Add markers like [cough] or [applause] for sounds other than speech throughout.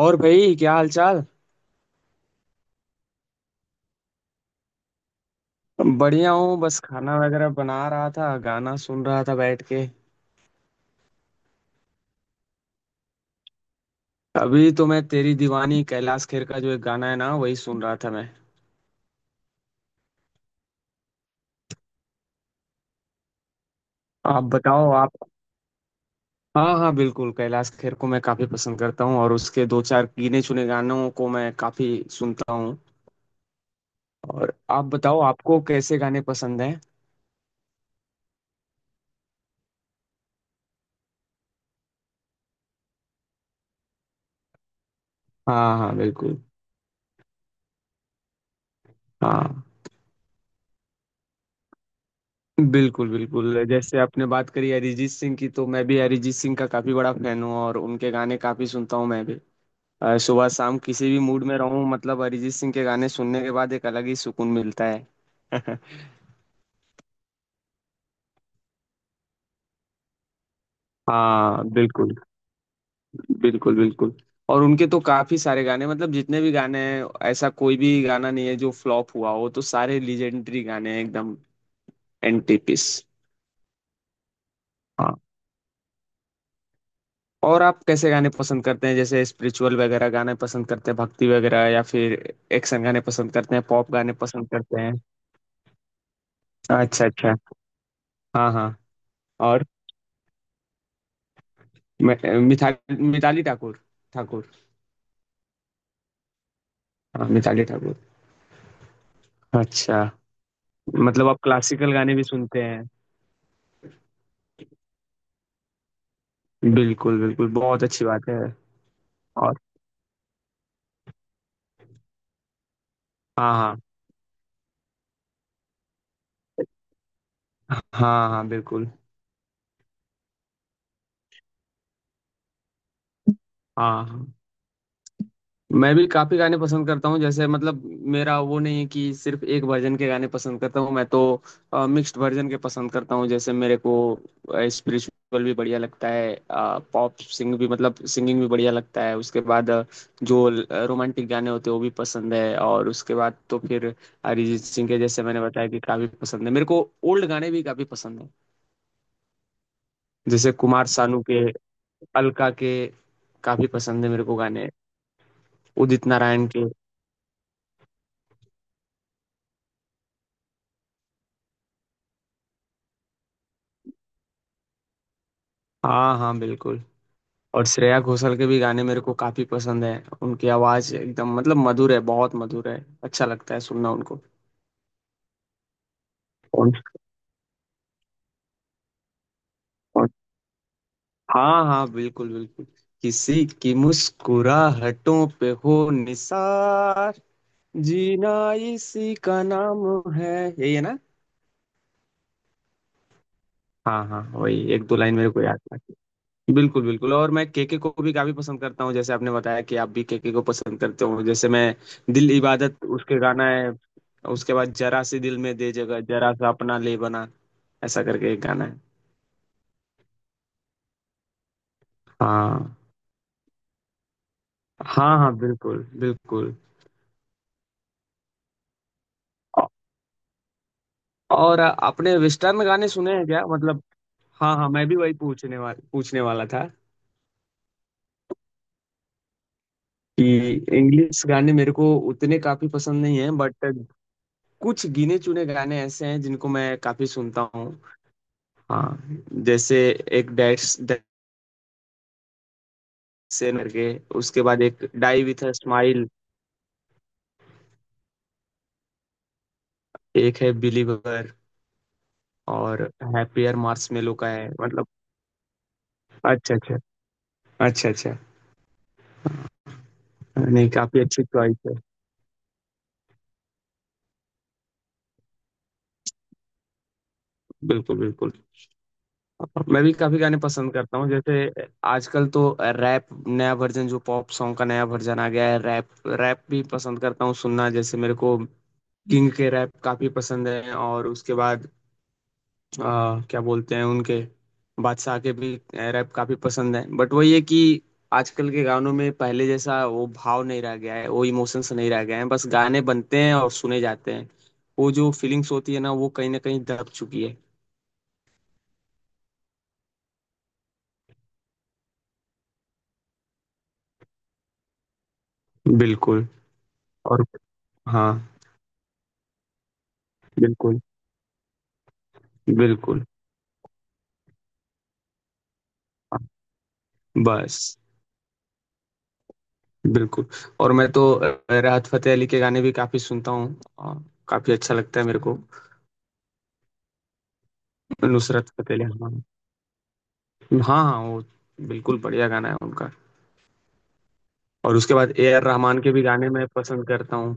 और भाई, क्या हाल चाल। बढ़िया हूँ, बस खाना वगैरह बना रहा था, गाना सुन रहा था बैठ के। अभी तो मैं तेरी दीवानी, कैलाश खेर का जो एक गाना है ना, वही सुन रहा था मैं। आप बताओ, आप। हाँ हाँ, बिल्कुल कैलाश खेर को मैं काफी पसंद करता हूँ, और उसके दो चार गिने चुने गानों को मैं काफी सुनता हूँ। और आप बताओ, आपको कैसे गाने पसंद हैं? हाँ हाँ बिल्कुल। हाँ बिल्कुल बिल्कुल, जैसे आपने बात करी अरिजीत सिंह की, तो मैं भी अरिजीत सिंह का काफी बड़ा फैन हूँ और उनके गाने काफी सुनता हूँ मैं भी। सुबह शाम किसी भी मूड में रहूं, मतलब अरिजीत सिंह के गाने सुनने के बाद एक अलग ही सुकून मिलता है। [laughs] हाँ बिल्कुल बिल्कुल बिल्कुल, और उनके तो काफी सारे गाने, मतलब जितने भी गाने हैं, ऐसा कोई भी गाना नहीं है जो फ्लॉप हुआ हो, तो सारे लीजेंडरी गाने हैं एकदम एंटीपीस। हाँ। और आप कैसे गाने पसंद करते हैं? जैसे स्पिरिचुअल वगैरह गाने पसंद करते हैं, भक्ति वगैरह, या फिर एक्शन गाने पसंद करते हैं, पॉप गाने पसंद करते हैं? अच्छा अच्छा, हाँ हाँ, और मि- मिथा मिताली ठाकुर ठाकुर हाँ, मिताली ठाकुर। अच्छा, मतलब आप क्लासिकल गाने भी सुनते हैं? बिल्कुल बिल्कुल, बहुत अच्छी बात है। और, हाँ हाँ हाँ हाँ, बिल्कुल। हाँ हाँ। मैं भी काफी गाने पसंद करता हूँ, जैसे मतलब मेरा वो नहीं है कि सिर्फ एक वर्जन के गाने पसंद करता हूँ। मैं तो मिक्स्ड वर्जन के पसंद करता हूँ, जैसे मेरे को स्पिरिचुअल भी बढ़िया लगता है, पॉप सिंग भी, मतलब सिंगिंग भी बढ़िया लगता है। उसके बाद जो रोमांटिक गाने होते हैं वो भी पसंद है, और उसके बाद तो फिर अरिजीत सिंह के, जैसे मैंने बताया, कि काफी पसंद है मेरे को। ओल्ड गाने भी काफी पसंद है, जैसे कुमार सानू के, अलका के, काफी पसंद है मेरे को गाने। उदित नारायण के, हाँ हाँ बिल्कुल। और श्रेया घोषाल के भी गाने मेरे को काफी पसंद है। उनकी आवाज एकदम, मतलब मधुर है, बहुत मधुर है। अच्छा लगता है सुनना उनको। कौन कौन? हाँ हाँ बिल्कुल बिल्कुल, किसी की मुस्कुराहटों पे हो निसार, जीना इसी का नाम है, यही है ना? हाँ हाँ, वही एक दो लाइन मेरे को याद है। बिल्कुल बिल्कुल, और मैं केके को भी काफी पसंद करता हूँ, जैसे आपने बताया कि आप भी केके को पसंद करते हो, जैसे मैं। दिल इबादत उसके गाना है, उसके बाद जरा सी दिल में दे जगह, जरा सा अपना ले बना, ऐसा करके एक गाना है। हाँ हाँ हाँ बिल्कुल बिल्कुल। औ- और आपने वेस्टर्न गाने सुने हैं क्या, मतलब? हाँ हाँ, मैं भी वही पूछने वाला था, कि इंग्लिश गाने मेरे को उतने काफी पसंद नहीं है, बट कुछ गिने चुने गाने ऐसे हैं जिनको मैं काफी सुनता हूँ। हाँ, जैसे एक डैश डैशन करके, उसके बाद एक डाई विथ अ स्माइल, एक है बिलीवर, और हैप्पियर मार्शमेलो का है, मतलब। अच्छा अच्छा, अच्छा अच्छा, नहीं काफी अच्छी चॉइस है। बिल्कुल बिल्कुल। मैं भी काफी गाने पसंद करता हूँ, जैसे आजकल तो रैप, नया वर्जन, जो पॉप सॉन्ग का नया वर्जन आ गया है, रैप। रैप भी पसंद करता हूँ सुनना, जैसे मेरे को किंग के रैप काफी पसंद है, और उसके बाद क्या बोलते हैं उनके, बादशाह के भी रैप काफी पसंद है, बट वही है कि आजकल के गानों में पहले जैसा वो भाव नहीं रह गया है, वो इमोशंस नहीं रह गए हैं, बस गाने बनते हैं और सुने जाते हैं। वो जो फीलिंग्स होती है ना, वो कहीं ना कहीं दब चुकी है। बिल्कुल। और हाँ बिल्कुल बिल्कुल, बस बिल्कुल। और मैं तो राहत फतेह अली के गाने भी काफी सुनता हूँ। काफी अच्छा लगता है मेरे को। नुसरत फतेह अली, हाँ हाँ हाँ, वो बिल्कुल बढ़िया गाना है उनका। और उसके बाद ए आर रहमान के भी गाने मैं पसंद करता हूँ।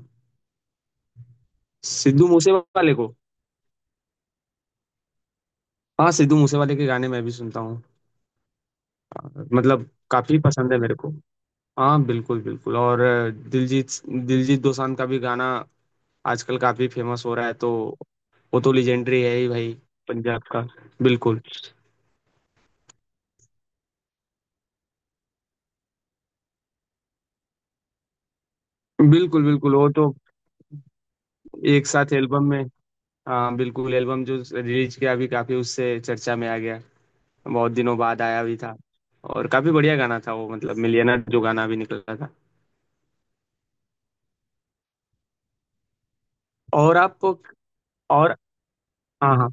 सिद्धू मूसेवाले को, हाँ सिद्धू मूसेवाले के गाने मैं भी सुनता हूँ, मतलब काफी पसंद है मेरे को। हाँ बिल्कुल बिल्कुल, और दिलजीत दिलजीत दोसांझ का भी गाना आजकल काफी फेमस हो रहा है, तो वो तो लेजेंडरी है ही भाई, पंजाब का। बिल्कुल बिल्कुल बिल्कुल, वो तो एक साथ एल्बम में। हाँ बिल्कुल, एल्बम जो रिलीज किया अभी, काफी उससे चर्चा में आ गया, बहुत दिनों बाद आया भी था, और काफी बढ़िया गाना था वो, मतलब मिलियनर जो गाना भी निकला था। और आपको, और हाँ हाँ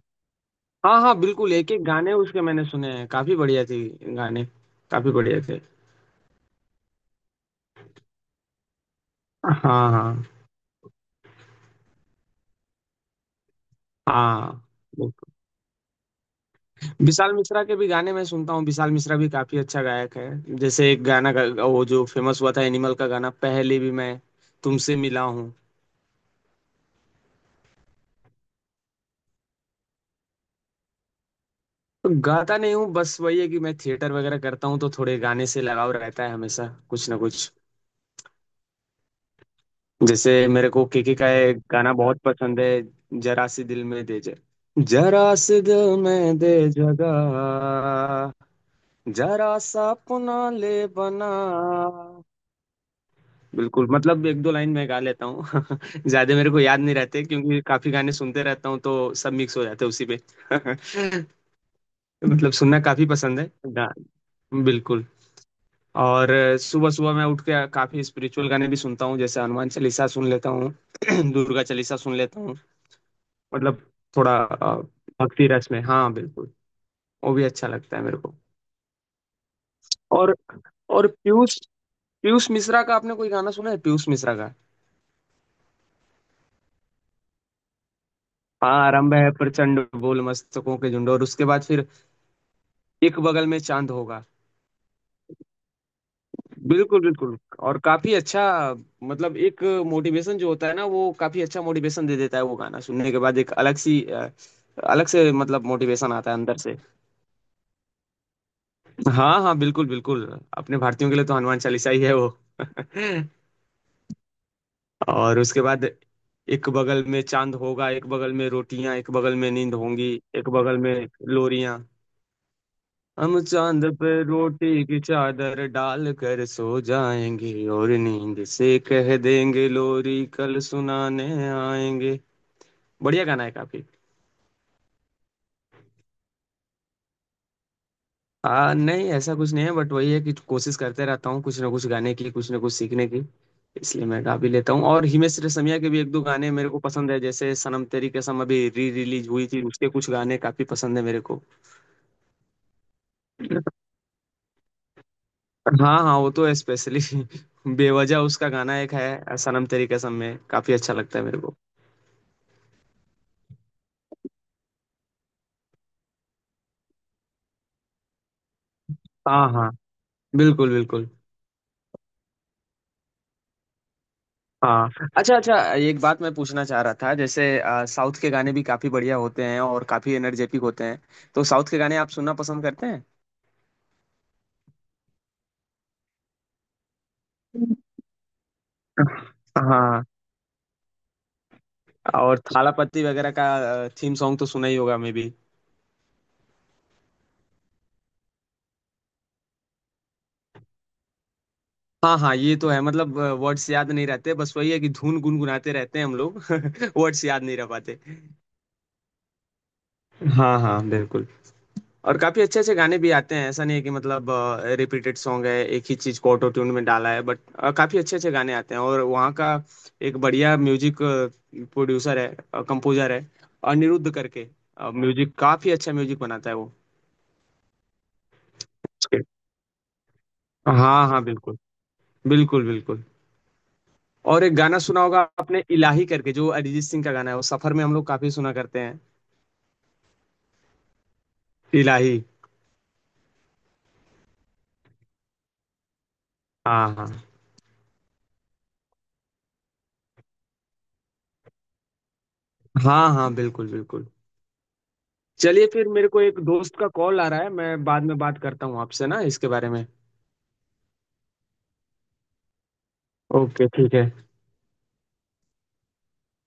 हाँ हाँ, बिल्कुल एक एक गाने उसके मैंने सुने हैं, काफी बढ़िया थे गाने, काफी बढ़िया थे। हाँ हाँ हाँ बिल्कुल। विशाल मिश्रा के भी गाने मैं सुनता हूँ, विशाल मिश्रा भी काफी अच्छा गायक है। जैसे एक गाना वो जो फेमस हुआ था एनिमल का गाना, पहले भी, मैं तुमसे मिला हूँ। गाता नहीं हूँ, बस वही है कि मैं थिएटर वगैरह करता हूँ, तो थोड़े गाने से लगाव रहता है हमेशा, कुछ ना कुछ। जैसे मेरे को केके का ये गाना बहुत पसंद है, जरा सी दिल में दे जगह, जरा सी दिल में दे जगह, जरा सा अपना ले बना। बिल्कुल, मतलब एक दो लाइन मैं गा लेता हूँ। [laughs] ज्यादा मेरे को याद नहीं रहते, क्योंकि काफी गाने सुनते रहता हूँ, तो सब मिक्स हो जाते हैं उसी में। [laughs] मतलब सुनना काफी पसंद है, बिल्कुल। और सुबह सुबह मैं उठ के काफी स्पिरिचुअल गाने भी सुनता हूँ, जैसे हनुमान चालीसा सुन लेता हूँ, [clears throat] दुर्गा चालीसा सुन लेता हूँ, मतलब थोड़ा भक्ति रस में, हाँ बिल्कुल, वो भी अच्छा लगता है मेरे को। और और पीयूष पीयूष मिश्रा का आपने कोई गाना सुना है? पीयूष मिश्रा का। हाँ, आरंभ है प्रचंड बोल, मस्तकों के झुंड, और उसके बाद फिर एक बगल में चांद होगा। बिल्कुल बिल्कुल, और काफी अच्छा, मतलब एक मोटिवेशन जो होता है ना, वो काफी अच्छा मोटिवेशन दे देता है। वो गाना सुनने के बाद एक अलग सी अलग से, मतलब मोटिवेशन आता है अंदर से। हाँ हाँ बिल्कुल बिल्कुल, अपने भारतीयों के लिए तो हनुमान चालीसा ही है वो। [laughs] और उसके बाद, एक बगल में चांद होगा, एक बगल में रोटियां, एक बगल में नींद होंगी, एक बगल में लोरियां, हम चांद पे रोटी की चादर डाल कर सो जाएंगे, और नींद से कह देंगे लोरी कल सुनाने आएंगे। बढ़िया गाना है काफी। नहीं ऐसा कुछ नहीं है, बट वही है कि कोशिश करते रहता हूँ कुछ ना कुछ गाने की, कुछ ना कुछ सीखने की, इसलिए मैं गा भी लेता हूँ। और हिमेश रेशमिया के भी एक दो गाने मेरे को पसंद है, जैसे सनम तेरी कसम अभी री रिलीज हुई थी, उसके कुछ गाने काफी पसंद है मेरे को। हाँ हाँ, वो तो स्पेशली [laughs] बेवजह उसका गाना एक है सनम तेरी कसम में, काफी अच्छा लगता है मेरे को। हाँ हाँ बिल्कुल बिल्कुल हाँ। अच्छा अच्छा, एक बात मैं पूछना चाह रहा था, जैसे साउथ के गाने भी काफी बढ़िया होते हैं और काफी एनर्जेटिक होते हैं, तो साउथ के गाने आप सुनना पसंद करते हैं? हाँ, और थालापति वगैरह का थीम सॉन्ग तो सुना ही होगा मे भी। हाँ हाँ, ये तो है, मतलब वर्ड्स याद नहीं रहते, बस वही है कि धुन गुनगुनाते रहते हैं हम लोग। [laughs] वर्ड्स याद नहीं रह पाते। हाँ हाँ बिल्कुल, और काफी अच्छे अच्छे गाने भी आते हैं, ऐसा नहीं है कि मतलब रिपीटेड सॉन्ग है, एक ही चीज को ऑटो ट्यून में डाला है, बट काफी अच्छे अच्छे गाने आते हैं, और वहाँ का एक बढ़िया म्यूजिक प्रोड्यूसर है, कंपोजर है, अनिरुद्ध करके। म्यूजिक, काफी अच्छा म्यूजिक बनाता है वो। हाँ हाँ बिल्कुल बिल्कुल, बिल्कुल। और एक गाना सुना होगा आपने इलाही करके, जो अरिजीत सिंह का गाना है, वो सफर में हम लोग काफ़ी सुना करते हैं, इलाही। हाँ, हाँ। हाँ, हाँ, बिल्कुल, बिल्कुल। चलिए फिर, मेरे को एक दोस्त का कॉल आ रहा है, मैं बाद में बात करता हूँ आपसे ना इसके बारे में। ओके, ठीक है।